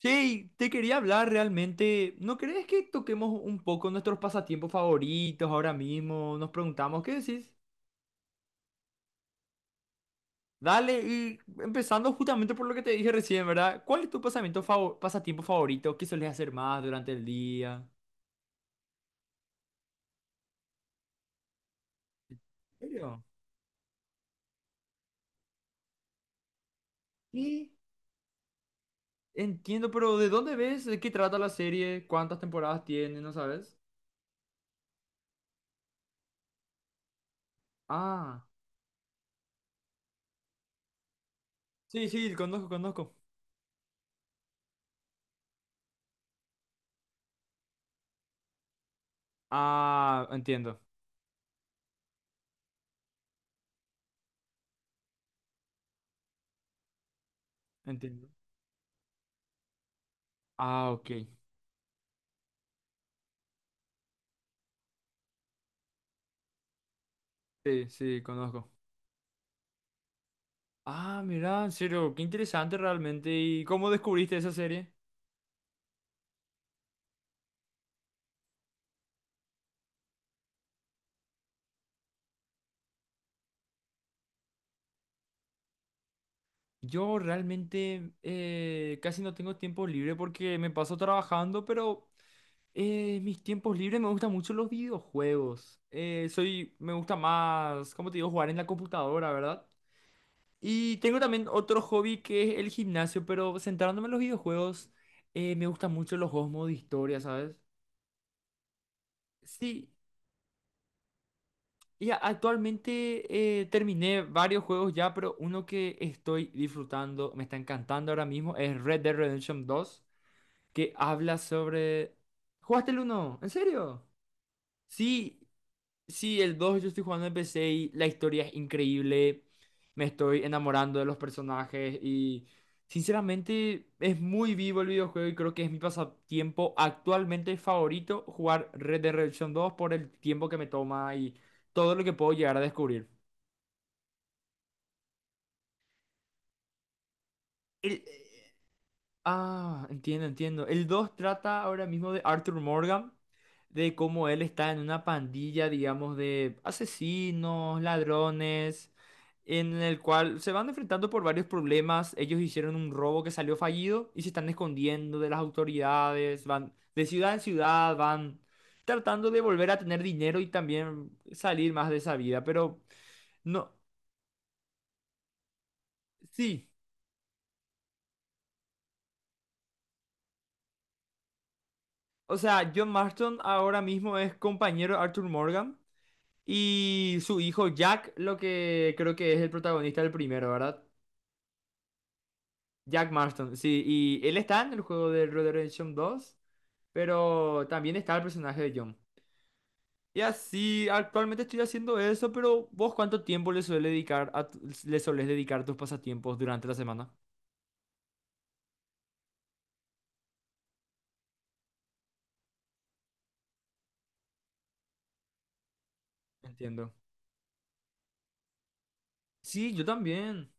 Sí, te quería hablar realmente. ¿No crees que toquemos un poco nuestros pasatiempos favoritos ahora mismo? Nos preguntamos, ¿qué decís? Dale, y empezando justamente por lo que te dije recién, ¿verdad? ¿Cuál es tu pasatiempo favorito? ¿Qué sueles hacer más durante el día? ¿En serio? Sí, entiendo, pero ¿de dónde ves? ¿De qué trata la serie? ¿Cuántas temporadas tiene? ¿No sabes? Ah, sí, sí, conozco, conozco. Ah, entiendo, entiendo. Ah, ok. Sí, sí, conozco. Ah, mira, en serio, qué interesante realmente. ¿Y cómo descubriste esa serie? Yo realmente casi no tengo tiempo libre porque me paso trabajando, pero mis tiempos libres me gustan mucho los videojuegos. Soy, me gusta más, como te digo, jugar en la computadora, ¿verdad? Y tengo también otro hobby que es el gimnasio, pero centrándome en los videojuegos, me gustan mucho los juegos modo historia, ¿sabes? Sí. Y actualmente terminé varios juegos ya, pero uno que estoy disfrutando, me está encantando ahora mismo, es Red Dead Redemption dos que habla sobre... ¿Jugaste el uno? ¿En serio? Sí, sí, el 2 yo estoy jugando en PC y la historia es increíble, me estoy enamorando de los personajes y sinceramente es muy vivo el videojuego y creo que es mi pasatiempo actualmente favorito jugar Red Dead Redemption dos por el tiempo que me toma y todo lo que puedo llegar a descubrir. El- eh, ah, entiendo, entiendo. El 2 trata ahora mismo de Arthur Morgan, de cómo él está en una pandilla, digamos, de asesinos, ladrones, en el cual se van enfrentando por varios problemas. Ellos hicieron un robo que salió fallido y se están escondiendo de las autoridades, van de ciudad en ciudad, van tratando de volver a tener dinero y también salir más de esa vida. Pero no, sí. O sea, John Marston ahora mismo es compañero de Arthur Morgan. Y su hijo Jack, lo que creo que es el protagonista del primero, ¿verdad? Jack Marston, sí. Y él está en el juego de Red Dead Redemption 2, pero también está el personaje de John. Y así, actualmente estoy haciendo eso, pero ¿vos cuánto tiempo le suele dedicar a le solés dedicar a tus pasatiempos durante la semana? Entiendo. Sí, yo también.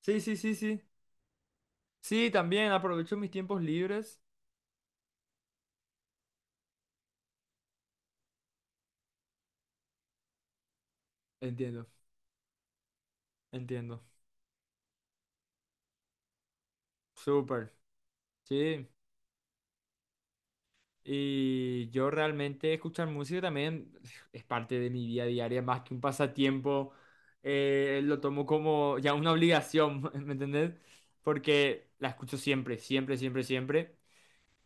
Sí, sí, sí, sí. Sí, también aprovecho mis tiempos libres. Entiendo, entiendo. Súper. Sí. Y yo realmente escuchar música también es parte de mi vida diaria, más que un pasatiempo, lo tomo como ya una obligación, ¿me entendés? Porque la escucho siempre, siempre, siempre, siempre.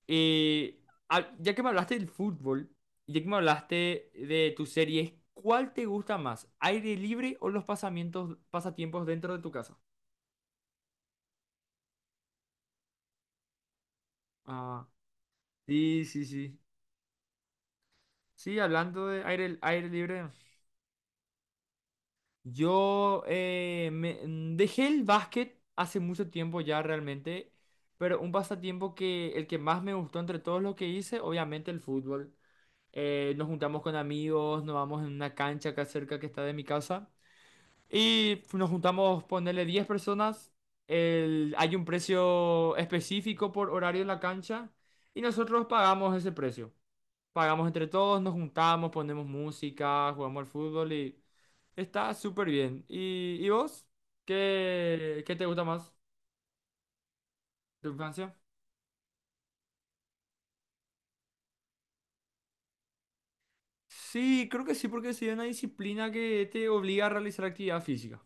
Y ya que me hablaste del fútbol, ya que me hablaste de tus series, ¿cuál te gusta más? ¿Aire libre o los pasatiempos dentro de tu casa? Ah, sí, sí, sí. Sí, hablando de aire libre. Yo dejé el básquet hace mucho tiempo ya realmente, pero un pasatiempo que el que más me gustó entre todos los que hice, obviamente el fútbol. Nos juntamos con amigos, nos vamos en una cancha acá cerca que está de mi casa y nos juntamos, ponerle 10 personas. Hay un precio específico por horario en la cancha y nosotros pagamos ese precio. Pagamos entre todos, nos juntamos, ponemos música, jugamos al fútbol. Está súper bien. ¿Y vos? ¿Qué te gusta más de tu infancia? Sí, creo que sí, porque sí es una disciplina que te obliga a realizar actividad física.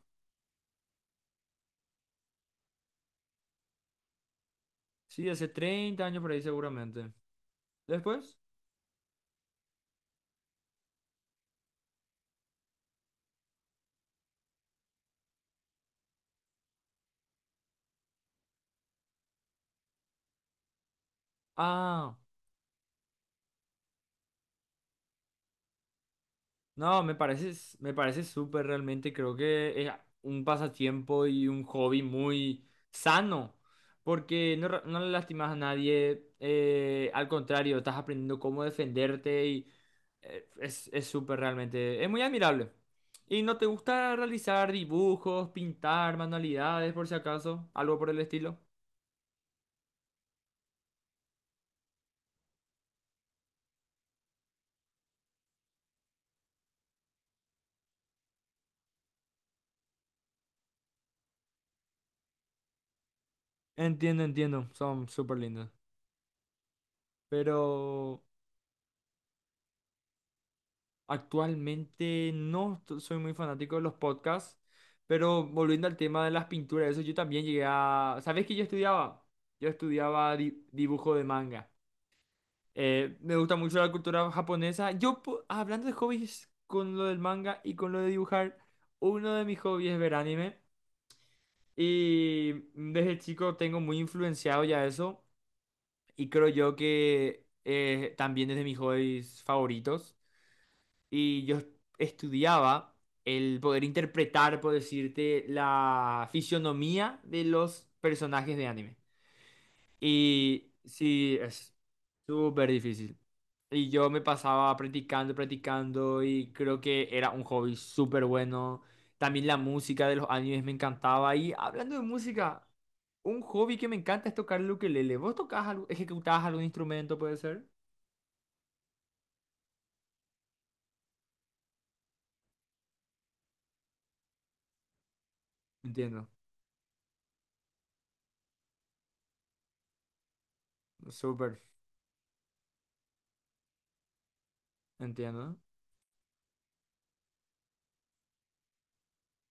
Sí, hace 30 años por ahí seguramente. ¿Después? Ah. No, me parece, me parece súper realmente. Creo que es un pasatiempo y un hobby muy sano, porque no, no le lastimas a nadie. Al contrario, estás aprendiendo cómo defenderte y es súper realmente. Es muy admirable. ¿Y no te gusta realizar dibujos, pintar, manualidades, por si acaso? Algo por el estilo. Entiendo, entiendo. Son súper lindos. Pero actualmente no t- soy muy fanático de los podcasts, pero volviendo al tema de las pinturas, eso yo también llegué a... ¿Sabes qué yo estudiaba? Yo estudiaba dibujo de manga. Me gusta mucho la cultura japonesa. Yo, hablando de hobbies con lo del manga y con lo de dibujar, uno de mis hobbies es ver anime. Y desde chico tengo muy influenciado ya eso. Y creo yo que también es de mis hobbies favoritos. Y yo estudiaba el poder interpretar, por decirte, la fisionomía de los personajes de anime. Y sí, es súper difícil. Y yo me pasaba practicando, practicando y creo que era un hobby súper bueno. También la música de los animes me encantaba. Y hablando de música, un hobby que me encanta es tocar el ukelele. ¿Vos tocás algo, ejecutabas algún instrumento, puede ser? Entiendo, súper, entiendo.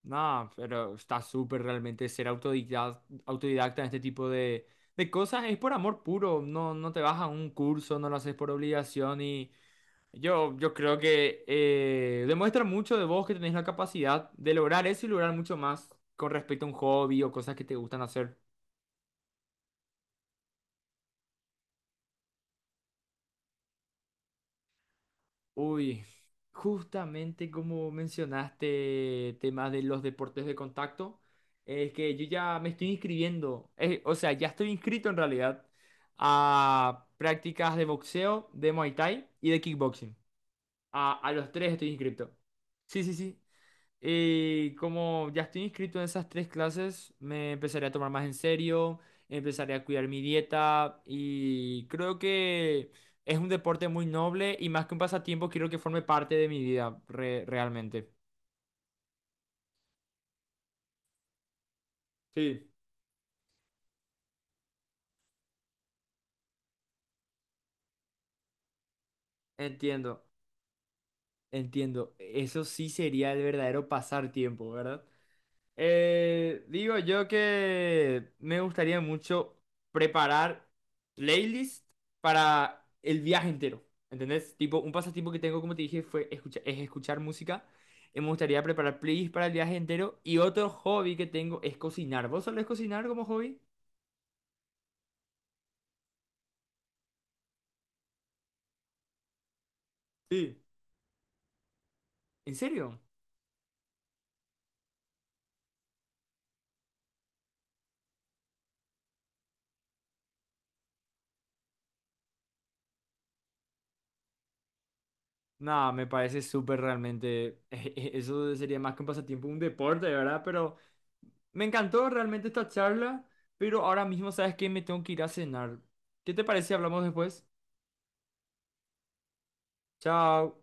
No, pero está súper realmente ser autodidacta, autodidacta en este tipo de cosas. Es por amor puro, no, no te vas a un curso, no lo haces por obligación y yo creo que demuestra mucho de vos que tenés la capacidad de lograr eso y lograr mucho más con respecto a un hobby o cosas que te gustan hacer. Uy, justamente como mencionaste temas de los deportes de contacto, es que yo ya me estoy inscribiendo, o sea, ya estoy inscrito en realidad a prácticas de boxeo, de Muay Thai y de kickboxing. A los tres estoy inscrito. Sí, sí, sí. Y como ya estoy inscrito en esas tres clases, me empezaré a tomar más en serio, empezaré a cuidar mi dieta y creo que es un deporte muy noble y más que un pasatiempo, quiero que forme parte de mi vida realmente. Sí. Entiendo, entiendo. Eso sí sería el verdadero pasar tiempo, ¿verdad? Digo yo que me gustaría mucho preparar playlist para el viaje entero. ¿Entendés? Tipo, un pasatiempo que tengo, como te dije, es escuchar música. Y me gustaría preparar playlist para el viaje entero. Y otro hobby que tengo es cocinar. ¿Vos solés cocinar como hobby? Sí. ¿En serio? No, me parece súper realmente. Eso sería más que un pasatiempo, un deporte, ¿verdad? Pero. Me encantó realmente esta charla, pero ahora mismo sabes que me tengo que ir a cenar. ¿Qué te parece si hablamos después? Chao.